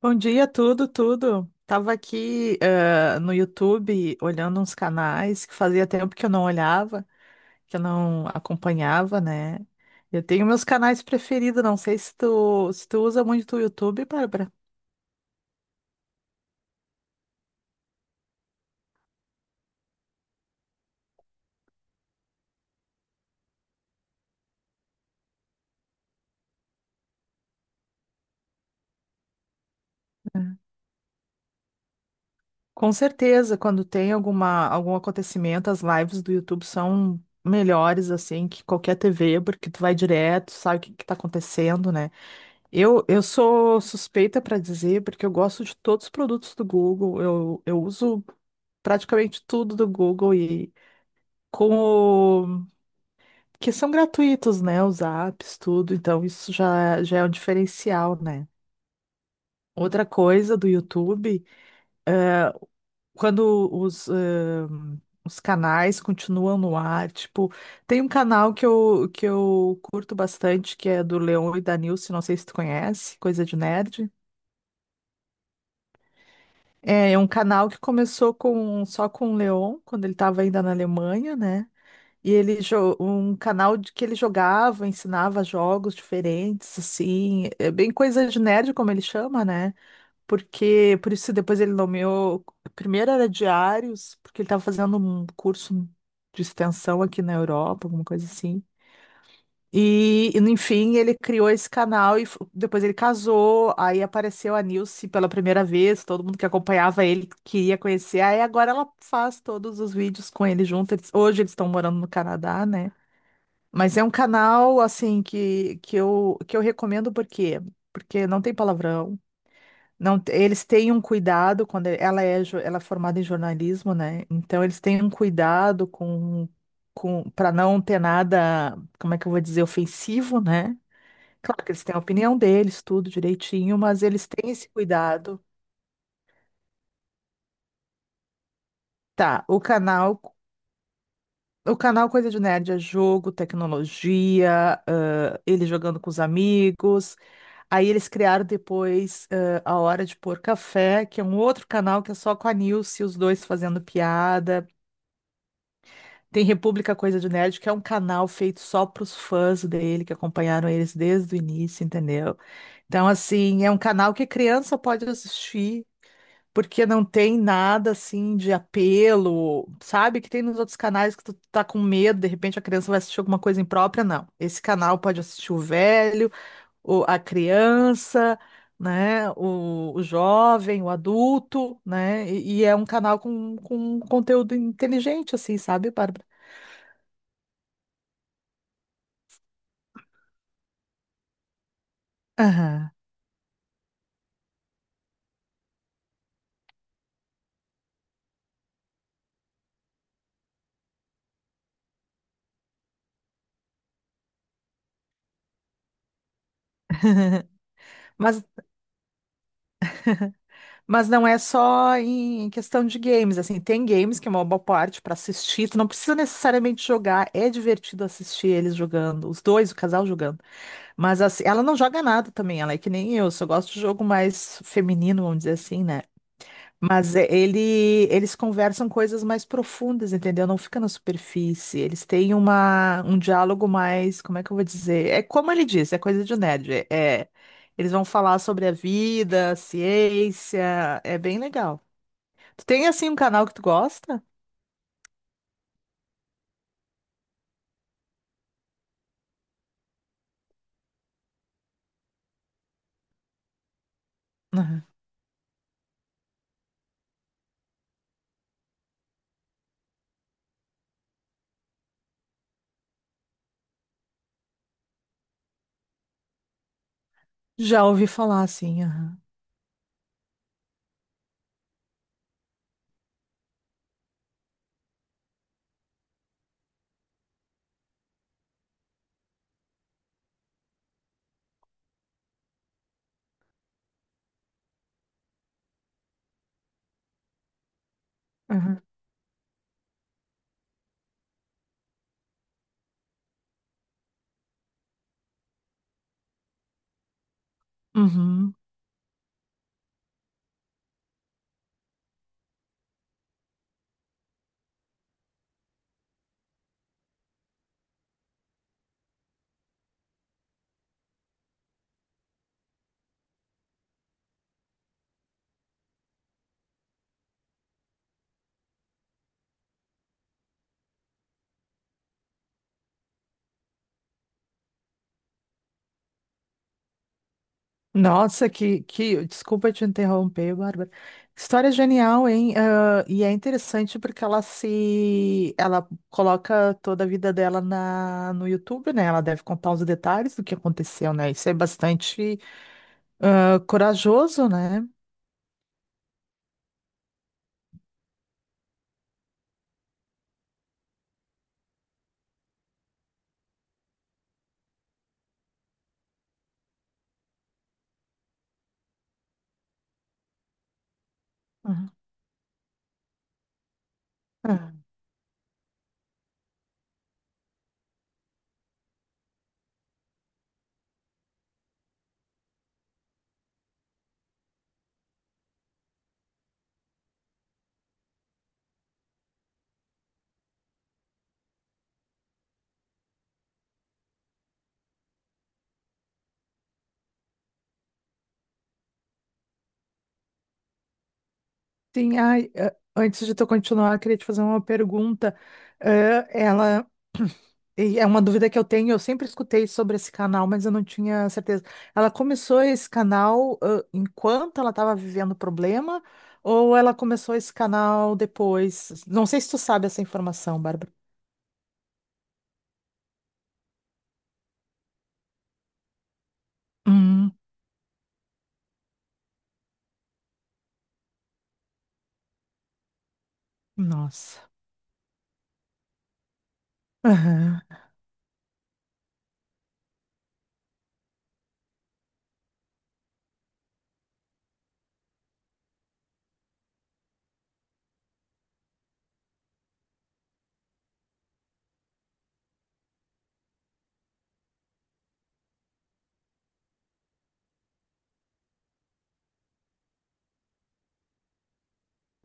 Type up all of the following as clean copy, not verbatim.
Bom dia, tudo, tudo. Tava aqui, no YouTube olhando uns canais que fazia tempo que eu não olhava, que eu não acompanhava, né? Eu tenho meus canais preferidos, não sei se tu usa muito o YouTube, Bárbara. É. Com certeza, quando tem algum acontecimento, as lives do YouTube são melhores, assim, que qualquer TV, porque tu vai direto, sabe o que que tá acontecendo, né? Eu sou suspeita para dizer, porque eu gosto de todos os produtos do Google. Eu uso praticamente tudo do Google e como que são gratuitos, né? Os apps, tudo. Então isso já é um diferencial, né? Outra coisa do YouTube, eh, quando os canais continuam no ar, tipo, tem um canal que eu curto bastante, que é do Leon e da Nilce, não sei se tu conhece, Coisa de Nerd. É um canal que começou com só com o Leon, quando ele estava ainda na Alemanha, né? E um canal de que ele jogava, ensinava jogos diferentes, assim, é bem coisa de nerd, como ele chama, né? Porque por isso depois ele nomeou, primeiro era Diários, porque ele estava fazendo um curso de extensão aqui na Europa, alguma coisa assim. Enfim, ele criou esse canal e depois ele casou, aí apareceu a Nilce pela primeira vez, todo mundo que acompanhava ele queria conhecer, aí agora ela faz todos os vídeos com ele junto. Hoje eles estão morando no Canadá, né? Mas é um canal, assim, que eu recomendo por quê? Porque não tem palavrão, não, eles têm um cuidado, quando ela é formada em jornalismo, né? Então eles têm um cuidado com para não ter nada, como é que eu vou dizer, ofensivo, né? Claro que eles têm a opinião deles, tudo direitinho, mas eles têm esse cuidado. Tá, o canal Coisa de Nerd é jogo, tecnologia, ele jogando com os amigos. Aí eles criaram depois A Hora de Pôr Café, que é um outro canal que é só com a Nilce e os dois fazendo piada. Tem República Coisa de Nerd, que é um canal feito só para os fãs dele, que acompanharam eles desde o início, entendeu? Então, assim, é um canal que criança pode assistir porque não tem nada assim de apelo, sabe? Que tem nos outros canais que tu tá com medo, de repente a criança vai assistir alguma coisa imprópria, não. Esse canal pode assistir o velho, a criança, né? O jovem, o adulto, né? E é um canal com, conteúdo inteligente, assim, sabe, Bárbara? Aham. Mas Mas não é só em questão de games, assim, tem games que é uma boa parte para assistir, tu não precisa necessariamente jogar, é divertido assistir eles jogando, os dois, o casal jogando. Mas assim, ela não joga nada também, ela é que nem eu, só gosto de jogo mais feminino, vamos dizer assim, né? Mas eles conversam coisas mais profundas, entendeu? Não fica na superfície. Eles têm um diálogo mais, como é que eu vou dizer? É como ele disse, é coisa de nerd. É- eles vão falar sobre a vida, a ciência, é bem legal. Tu tem assim um canal que tu gosta? Aham. Já ouvi falar assim, aham. Aham. Uhum. Nossa, que, que. Desculpa te interromper, Bárbara. História genial, hein? Ah, e é interessante porque ela se. Ela coloca toda a vida dela no YouTube, né? Ela deve contar os detalhes do que aconteceu, né? Isso é bastante corajoso, né? Uhum. Ah. Sim, ai, antes de tu continuar, eu queria te fazer uma pergunta. Ah, ela. E é uma dúvida que eu tenho, eu sempre escutei sobre esse canal, mas eu não tinha certeza. Ela começou esse canal, enquanto ela estava vivendo o problema, ou ela começou esse canal depois? Não sei se tu sabe essa informação, Bárbara. Hum, nossa. Aham,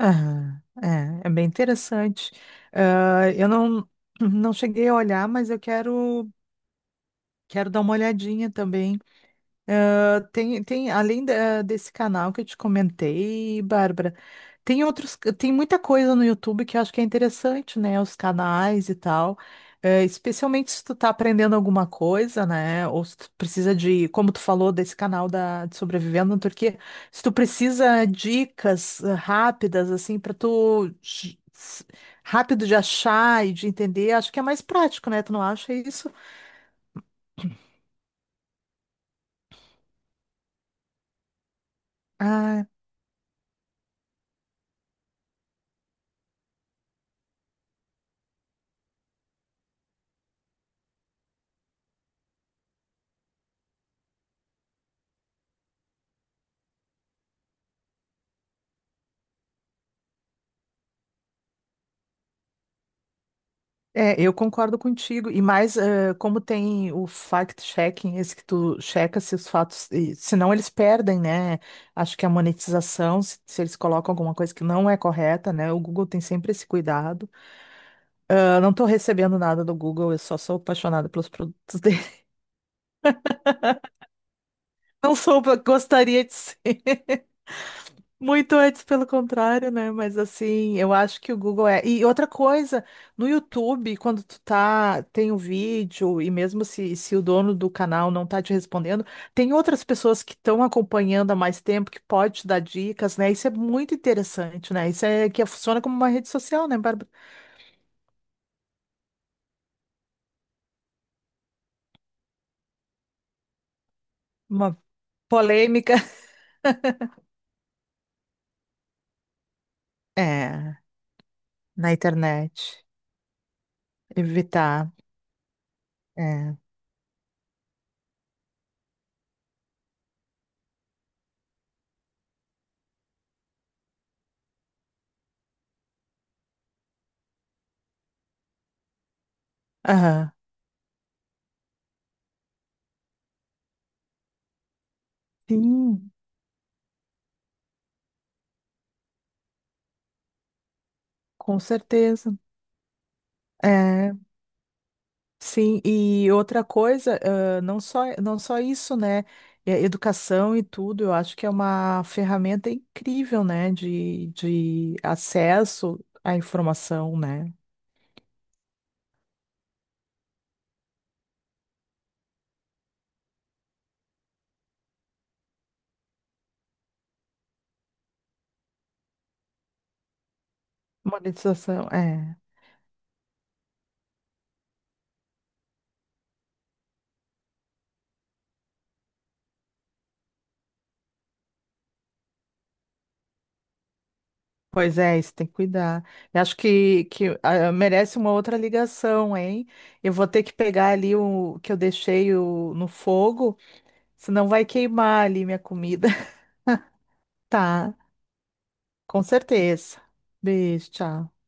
aham. É, é bem interessante. Ah, eu não cheguei a olhar, mas eu quero dar uma olhadinha também. Além desse canal que eu te comentei, Bárbara, tem outros, tem muita coisa no YouTube que eu acho que é interessante, né? Os canais e tal. É, especialmente se tu tá aprendendo alguma coisa, né? Ou se tu precisa de, como tu falou desse canal de Sobrevivendo na Turquia, se tu precisa dicas rápidas, assim, pra tu rápido de achar e de entender, acho que é mais prático, né? Tu não acha isso? Ah, é, eu concordo contigo. E mais, como tem o fact-checking, esse que tu checa se os fatos, e senão eles perdem, né? Acho que a monetização, se eles colocam alguma coisa que não é correta, né? O Google tem sempre esse cuidado. Ah, não estou recebendo nada do Google, eu só sou apaixonada pelos produtos dele. Não sou, gostaria de ser. Muito antes, pelo contrário, né? Mas assim, eu acho que o Google é. E outra coisa, no YouTube, quando tu tá, tem um vídeo, e mesmo se o dono do canal não tá te respondendo, tem outras pessoas que estão acompanhando há mais tempo que pode te dar dicas, né? Isso é muito interessante, né? Isso é que funciona como uma rede social, né, Bárbara? Uma polêmica. É, na internet. Evitar. É. Aham. Sim, com certeza. É. Sim, e outra coisa, não só, não só isso, né? É, educação e tudo, eu acho que é uma ferramenta incrível, né? De acesso à informação, né? Monetização, é. Pois é, isso tem que cuidar. Eu acho que merece uma outra ligação, hein? Eu vou ter que pegar ali o que eu deixei no fogo, senão vai queimar ali minha comida. Tá, com certeza. Beijo, tchau.